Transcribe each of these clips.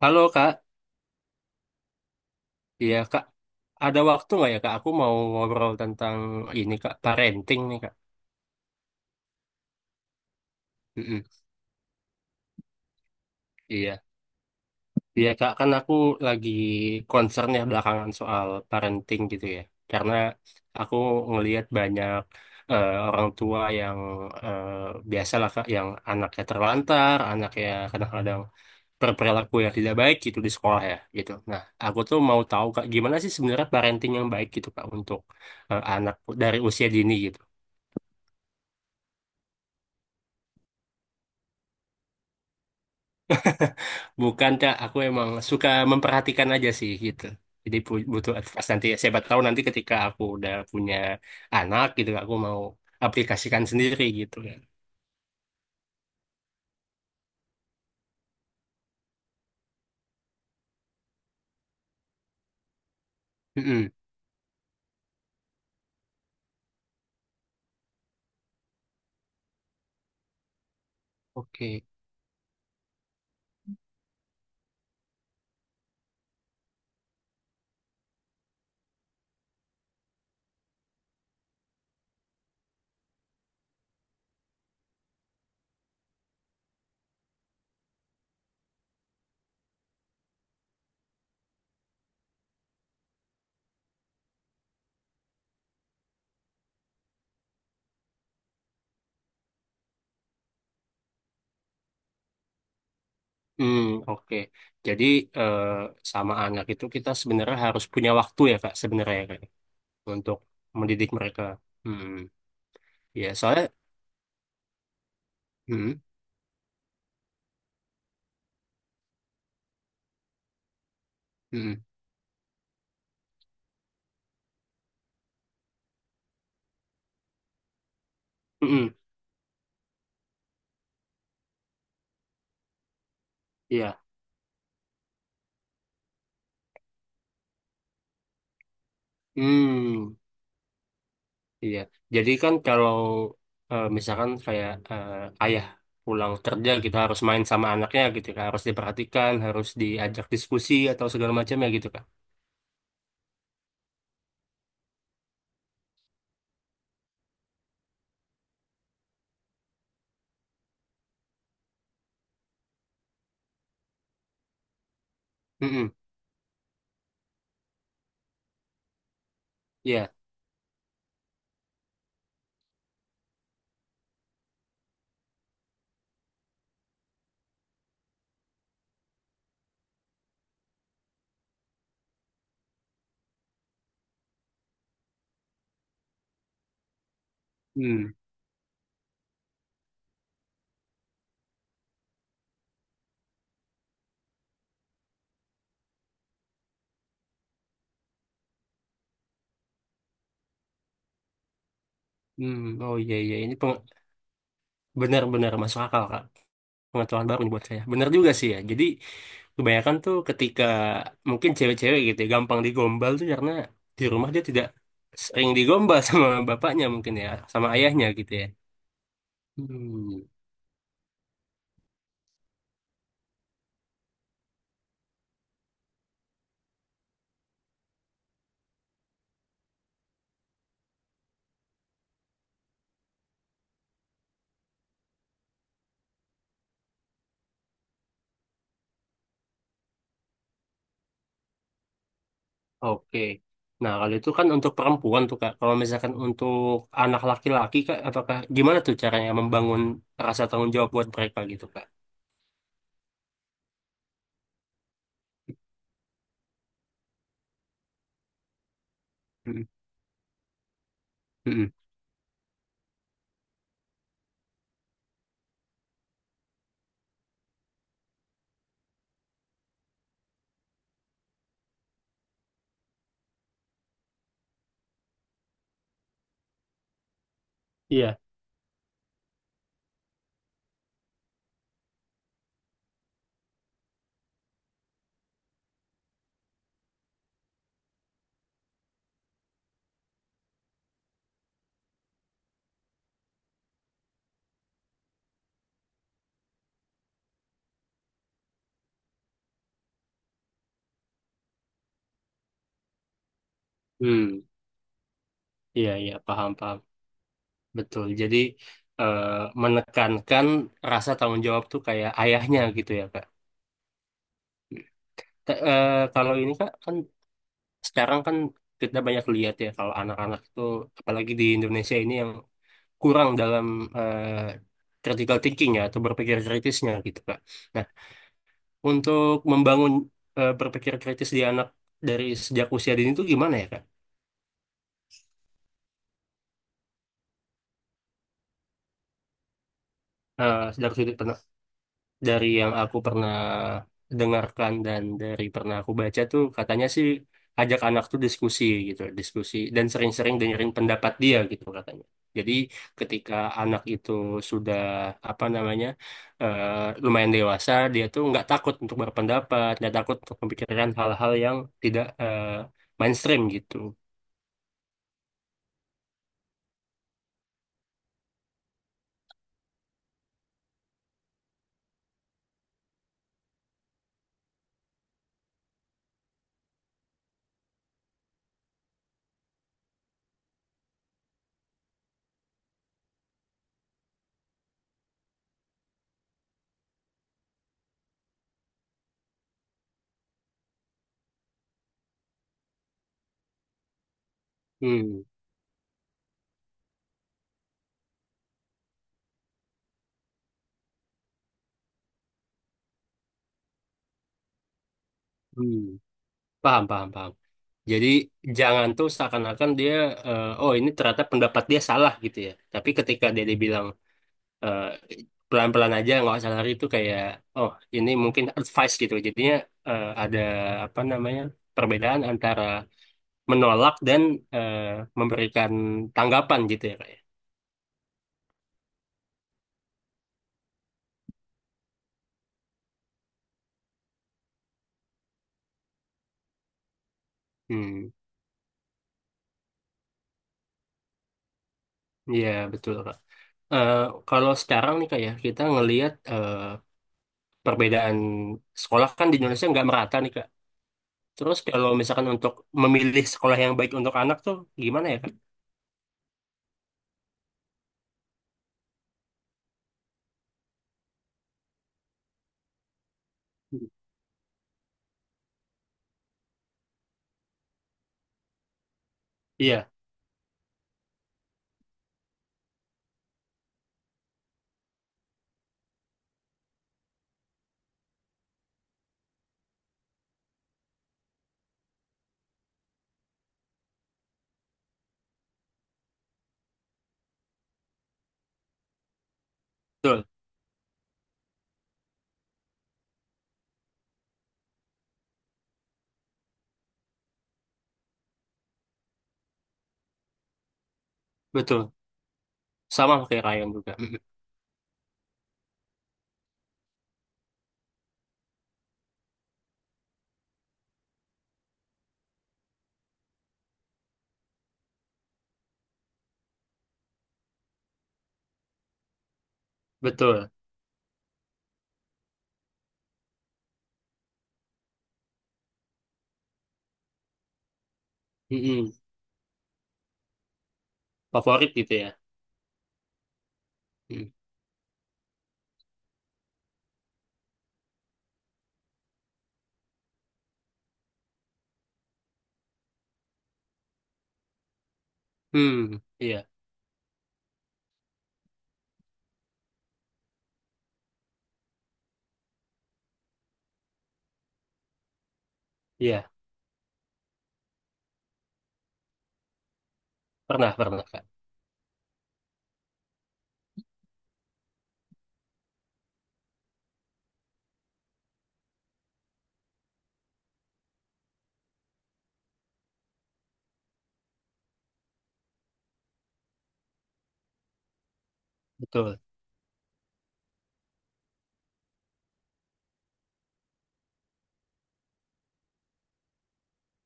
Halo Kak, iya Kak, ada waktu nggak ya Kak? Aku mau ngobrol tentang ini Kak, parenting nih Kak. Mm-mm. Iya, iya Kak, kan aku lagi concern ya belakangan soal parenting gitu ya. Karena aku ngelihat banyak orang tua yang eh, biasalah Kak, yang anaknya terlantar, anaknya kadang-kadang berperilaku yang tidak baik gitu di sekolah ya gitu. Nah, aku tuh mau tahu Kak, gimana sih sebenarnya parenting yang baik gitu Kak untuk anak dari usia dini gitu. Bukan, Kak. Aku emang suka memperhatikan aja sih gitu. Jadi butuh advice nanti. Siapa tahu nanti ketika aku udah punya anak gitu, aku mau aplikasikan sendiri gitu kan. Mm-mm. Oke. Hmm, oke. Jadi eh, sama anak itu kita sebenarnya harus punya waktu ya, Kak, sebenarnya ya, Kak, untuk mendidik mereka. Hmm. Ya, soalnya hmm, hmm, hmm, iya. Hmm. Iya, jadi kan kalau misalkan kayak ayah pulang kerja kita harus main sama anaknya gitu kan, harus diperhatikan, harus diajak diskusi atau segala macam ya gitu kan. Mm-mm. Iya. Hmm. Hmm. Oh iya iya ini benar-benar masuk akal Kak. Pengetahuan baru nih buat saya. Benar juga sih ya. Jadi kebanyakan tuh ketika mungkin cewek-cewek gitu ya, gampang digombal tuh karena di rumah dia tidak sering digombal sama bapaknya mungkin ya, sama ayahnya gitu ya. Hmm. Oke. Nah, kalau itu kan untuk perempuan tuh, Kak. Kalau misalkan untuk anak laki-laki, Kak, apakah gimana tuh caranya membangun rasa tanggung jawab buat mereka gitu, Kak? Mm, mm, iya. Hmm, iya, iya, paham, paham. Betul. Jadi, eh, menekankan rasa tanggung jawab tuh kayak ayahnya gitu ya, Kak. Kalau ini, Kak, kan sekarang kan kita banyak lihat ya kalau anak-anak tuh, apalagi di Indonesia ini yang kurang dalam eh, critical thinking ya atau berpikir kritisnya gitu Kak. Nah, untuk membangun berpikir kritis di anak dari sejak usia dini itu gimana ya Kak? Eh, sejak sudut Dari yang aku pernah dengarkan dan dari pernah aku baca tuh katanya sih ajak anak tuh diskusi gitu, diskusi dan sering-sering dengerin pendapat dia gitu katanya. Jadi ketika anak itu sudah apa namanya lumayan dewasa, dia tuh nggak takut untuk berpendapat, nggak takut untuk memikirkan hal-hal yang tidak mainstream gitu. Hmm. Hmm. Paham, paham, paham. Jadi jangan tuh seakan-akan dia, oh ini ternyata pendapat dia salah gitu ya. Tapi ketika dia dibilang eh, pelan-pelan aja nggak usah lari itu kayak, oh ini mungkin advice gitu. Jadinya ada apa namanya perbedaan antara menolak dan eh, memberikan tanggapan gitu ya kak. Ya. Hmm, ya betul kak. Eh, kalau sekarang nih kak ya kita ngelihat perbedaan sekolah kan di Indonesia nggak merata nih kak. Terus kalau misalkan untuk memilih sekolah yang baik untuk anak tuh gimana ya, Kak? Iya, betul, betul. Sama kayak Ryan juga. Mm-mm. Betul. Mm-mm. Favorit gitu ya. Mm. Hmm, iya, iya. Pernah, pernah, Kak. Betul.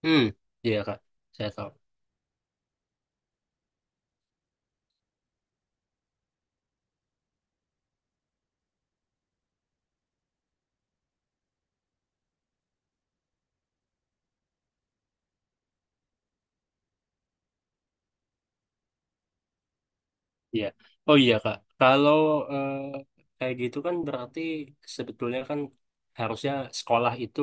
Hmm, iya, Kak. Saya tahu. Iya. Oh iya Kak, kalau eh, kayak gitu kan berarti sebetulnya kan harusnya sekolah itu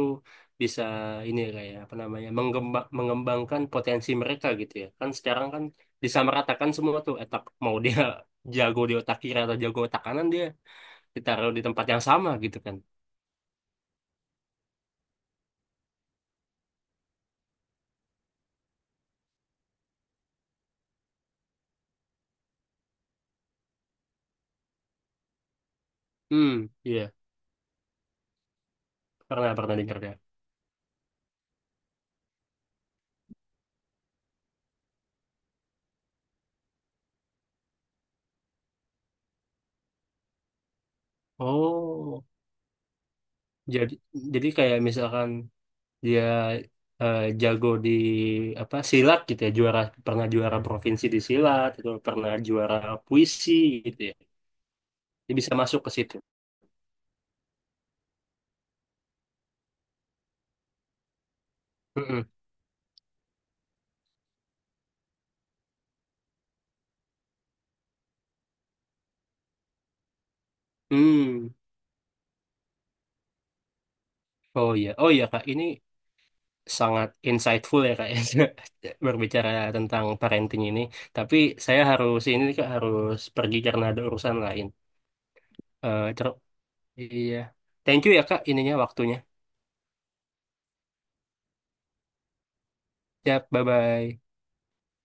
bisa ini ya, Kak ya, apa namanya mengembangkan potensi mereka gitu ya. Kan sekarang kan disamaratakan semua tuh etak mau dia jago di otak kiri atau jago otak kanan dia ditaruh di tempat yang sama gitu kan. Hmm, iya. Pernah pernah dengar dia. Oh, jadi jadi kayak misalkan dia jago di apa silat gitu ya juara pernah juara provinsi di silat atau pernah juara puisi gitu ya dia bisa masuk ke situ. Mm-mm. Hmm. Oh iya oh iya kak ini sangat insightful ya kak berbicara tentang parenting ini tapi saya harus ini nih, kak harus pergi karena ada urusan lain. Eh, ter- iya, thank you ya kak ininya waktunya. Ya, bye bye.